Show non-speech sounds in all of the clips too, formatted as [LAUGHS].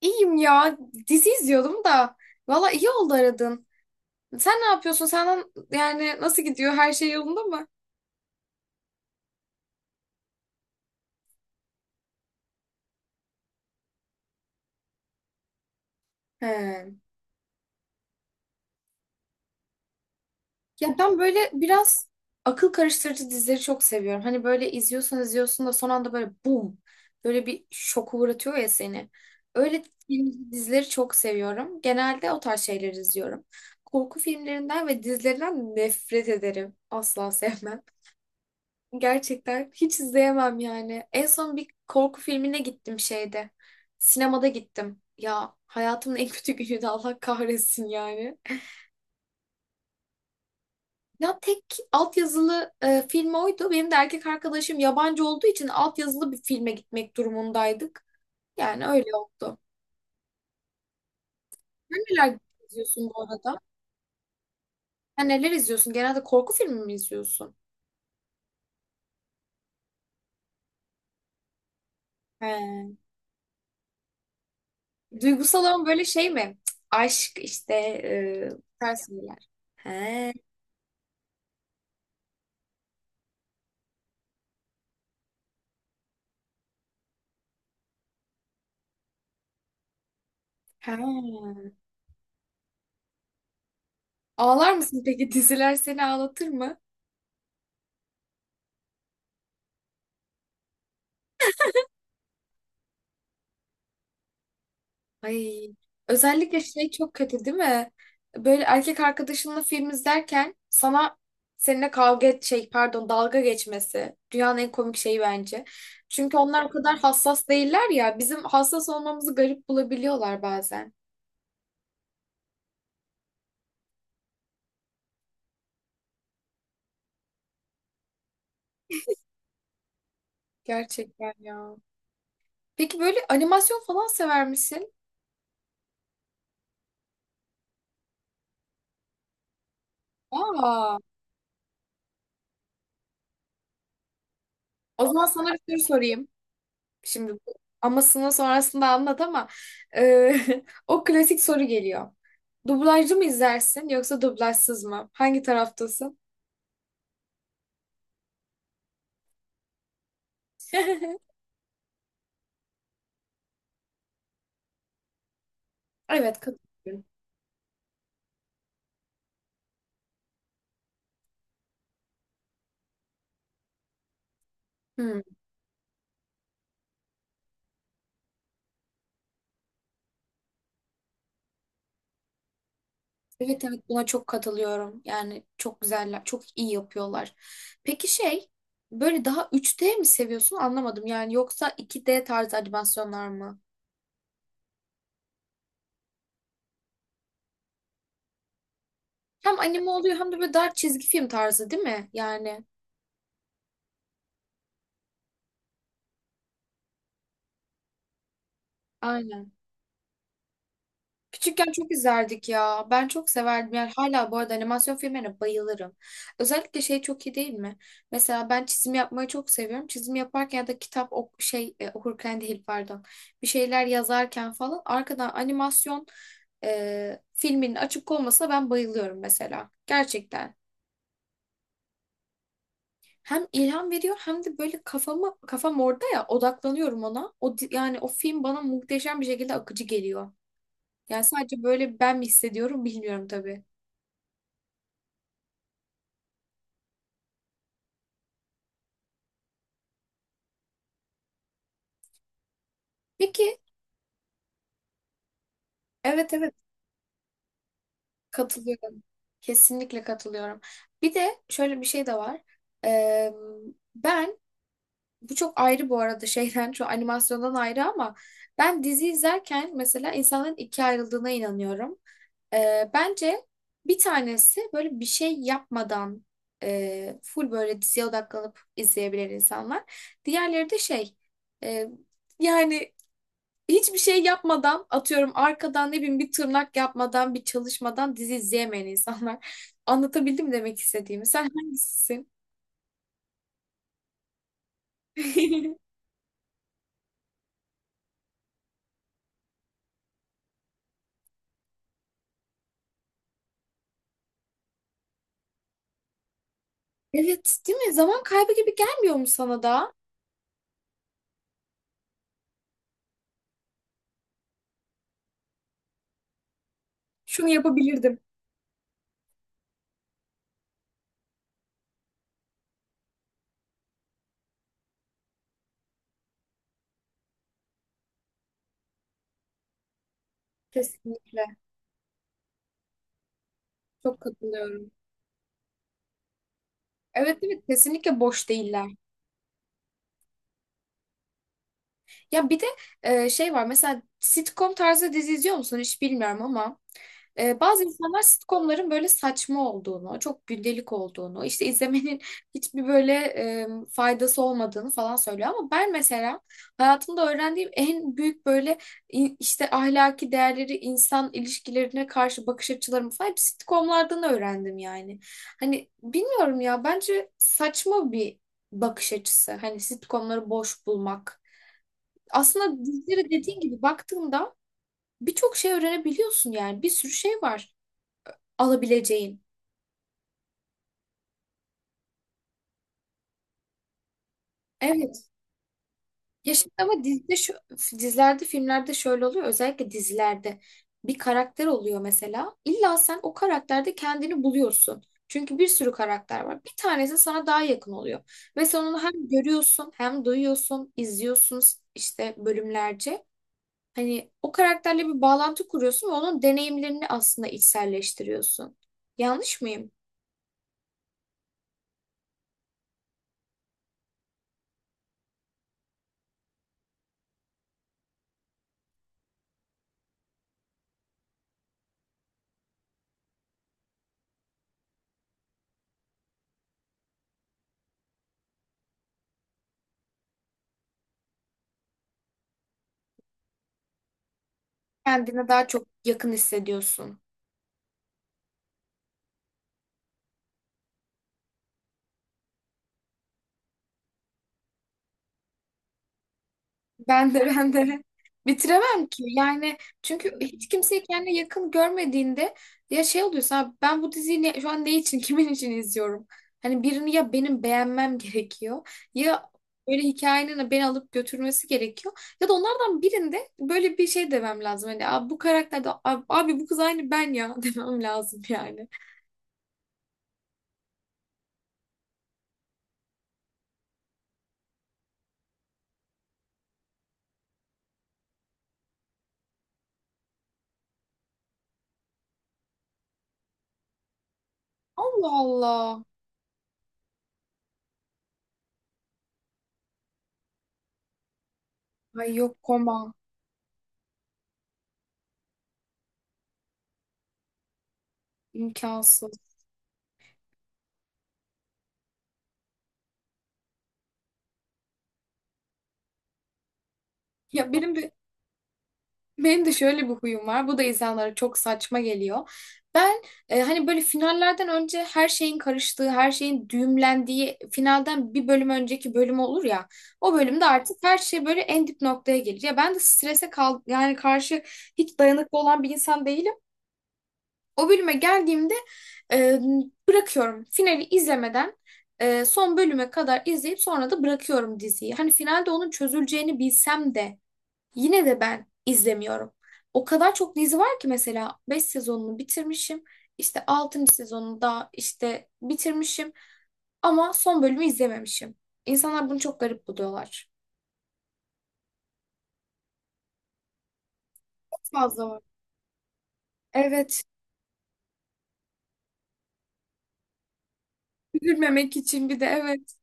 İyiyim ya. Dizi izliyordum da. Valla iyi oldu aradın. Sen ne yapıyorsun? Senden yani nasıl gidiyor? Her şey yolunda mı? He. Ya ben böyle biraz akıl karıştırıcı dizileri çok seviyorum. Hani böyle izliyorsun izliyorsun da son anda böyle bum. Böyle bir şoku uğratıyor ya seni. Öyle dizileri çok seviyorum. Genelde o tarz şeyleri izliyorum. Korku filmlerinden ve dizilerinden nefret ederim. Asla sevmem. Gerçekten hiç izleyemem yani. En son bir korku filmine gittim şeyde. Sinemada gittim. Ya hayatımın en [LAUGHS] kötü günüydü Allah kahretsin yani. Ya tek altyazılı film oydu. Benim de erkek arkadaşım yabancı olduğu için altyazılı bir filme gitmek durumundaydık. Yani öyle oldu. Sen neler izliyorsun bu arada? Sen neler izliyorsun? Genelde korku filmi mi izliyorsun? He. Duygusal olan böyle şey mi? Cık, aşk işte bu şeyler. He. He. Ağlar mısın peki? [LAUGHS] Diziler seni ağlatır mı? Ay. Özellikle şey çok kötü değil mi? Böyle erkek arkadaşınla film izlerken sana seninle kavga et şey pardon dalga geçmesi dünyanın en komik şeyi bence. Çünkü onlar o kadar hassas değiller ya. Bizim hassas olmamızı garip bulabiliyorlar bazen. Gerçekten ya. Peki böyle animasyon falan sever misin? Aa, o zaman sana bir soru sorayım. Şimdi bu amasını sonrasında anlat ama e, [LAUGHS] o klasik soru geliyor. Dublajlı mı izlersin yoksa dublajsız mı? Hangi taraftasın? [LAUGHS] Evet katılıyorum. Hmm. Evet, evet, buna çok katılıyorum. Yani çok güzeller, çok iyi yapıyorlar. Peki şey böyle daha 3D mi seviyorsun anlamadım. Yani yoksa 2D tarzı animasyonlar mı? Hem anime oluyor hem de böyle daha çizgi film tarzı değil mi? Yani aynen. Küçükken çok izlerdik ya. Ben çok severdim. Yani hala bu arada animasyon filmlerine bayılırım. Özellikle şey çok iyi değil mi? Mesela ben çizim yapmayı çok seviyorum. Çizim yaparken ya da kitap okurken değil pardon. Bir şeyler yazarken falan arkadan animasyon filminin açık olmasına ben bayılıyorum mesela. Gerçekten. Hem ilham veriyor hem de böyle kafam orada ya odaklanıyorum ona. Yani o film bana muhteşem bir şekilde akıcı geliyor. Yani sadece böyle ben mi hissediyorum bilmiyorum tabii. Peki, evet, evet, katılıyorum. Kesinlikle katılıyorum. Bir de şöyle bir şey de var. Ee, ben bu çok ayrı bu arada şeyden şu animasyondan ayrı ama ben dizi izlerken mesela insanların ikiye ayrıldığına inanıyorum. Bence bir tanesi böyle bir şey yapmadan full böyle diziye odaklanıp izleyebilen insanlar. Diğerleri de şey e, yani hiçbir şey yapmadan atıyorum arkadan ne bileyim bir tırnak yapmadan bir çalışmadan dizi izleyemeyen insanlar. [LAUGHS] Anlatabildim mi demek istediğimi. Sen hangisisin? [LAUGHS] Evet, değil mi? Zaman kaybı gibi gelmiyor mu sana da? Şunu yapabilirdim. Kesinlikle. Çok katılıyorum. Evet, evet, kesinlikle boş değiller. Ya bir de şey var mesela sitcom tarzı dizi izliyor musun? Hiç bilmiyorum ama. Bazı insanlar sitcomların böyle saçma olduğunu, çok gündelik olduğunu, işte izlemenin [LAUGHS] hiçbir böyle faydası olmadığını falan söylüyor. Ama ben mesela hayatımda öğrendiğim en büyük böyle işte ahlaki değerleri, insan ilişkilerine karşı bakış açılarımı falan hep sitcomlardan öğrendim yani. Hani bilmiyorum ya bence saçma bir bakış açısı. Hani sitcomları boş bulmak. Aslında dizilere dediğin gibi baktığında birçok şey öğrenebiliyorsun yani bir sürü şey var alabileceğin. Evet. Ya şimdi ama dizide şu, dizilerde, filmlerde şöyle oluyor. Özellikle dizilerde bir karakter oluyor mesela. İlla sen o karakterde kendini buluyorsun. Çünkü bir sürü karakter var. Bir tanesi sana daha yakın oluyor. Ve sen onu hem görüyorsun, hem duyuyorsun, izliyorsun işte bölümlerce. Hani o karakterle bir bağlantı kuruyorsun ve onun deneyimlerini aslında içselleştiriyorsun. Yanlış mıyım? Kendine daha çok yakın hissediyorsun. Ben de bitiremem ki. Yani çünkü hiç kimseyi kendine yakın görmediğinde ya şey oluyorsun abi ben bu diziyi şu an ne için [LAUGHS] kimin için izliyorum? Hani birini ya benim beğenmem gerekiyor ya böyle hikayenin beni alıp götürmesi gerekiyor. Ya da onlardan birinde böyle bir şey demem lazım. Hani abi bu karakterde abi bu kız aynı ben ya [LAUGHS] demem lazım yani. Allah Allah. Ay yok koma imkansız. Ya benim bir Benim de şöyle bir huyum var. Bu da insanlara çok saçma geliyor. Ben hani böyle finallerden önce her şeyin karıştığı, her şeyin düğümlendiği finalden bir bölüm önceki bölüm olur ya. O bölümde artık her şey böyle en dip noktaya gelir. Ya ben de strese kal yani karşı hiç dayanıklı olan bir insan değilim. O bölüme geldiğimde e, bırakıyorum. Finali izlemeden son bölüme kadar izleyip sonra da bırakıyorum diziyi. Hani finalde onun çözüleceğini bilsem de yine de ben izlemiyorum. O kadar çok dizi var ki mesela 5 sezonunu bitirmişim. İşte altıncı sezonunu da işte bitirmişim ama son bölümü izlememişim. İnsanlar bunu çok garip buluyorlar. Fazla var. Evet, üzülmemek için bir de evet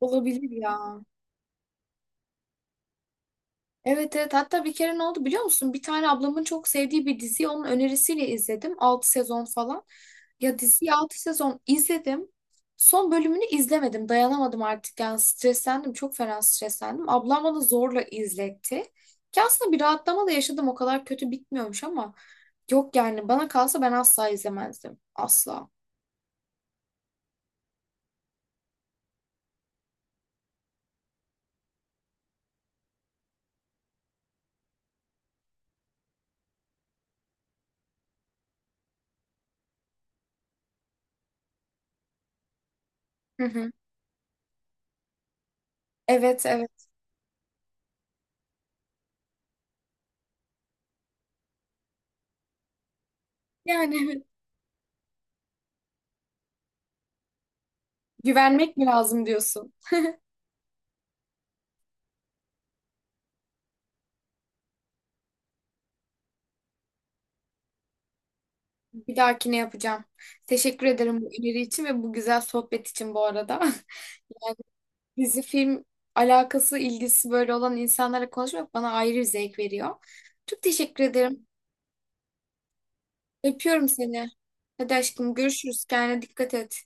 olabilir ya. Evet, evet, hatta bir kere ne oldu biliyor musun? Bir tane ablamın çok sevdiği bir diziyi onun önerisiyle izledim. 6 sezon falan. Ya diziyi 6 sezon izledim. Son bölümünü izlemedim. Dayanamadım artık yani streslendim. Çok fena streslendim. Ablam bana zorla izletti. Ki aslında bir rahatlama da yaşadım. O kadar kötü bitmiyormuş ama yok yani bana kalsa ben asla izlemezdim. Asla. Hı hı. Evet, evet. Yani [LAUGHS] evet. Güvenmek mi lazım diyorsun? Bir dahakine yapacağım. Teşekkür ederim bu öneri için ve bu güzel sohbet için bu arada. [LAUGHS] Dizi film alakası, ilgisi böyle olan insanlara konuşmak bana ayrı bir zevk veriyor. Çok teşekkür ederim. Öpüyorum seni. Hadi aşkım görüşürüz. Kendine dikkat et.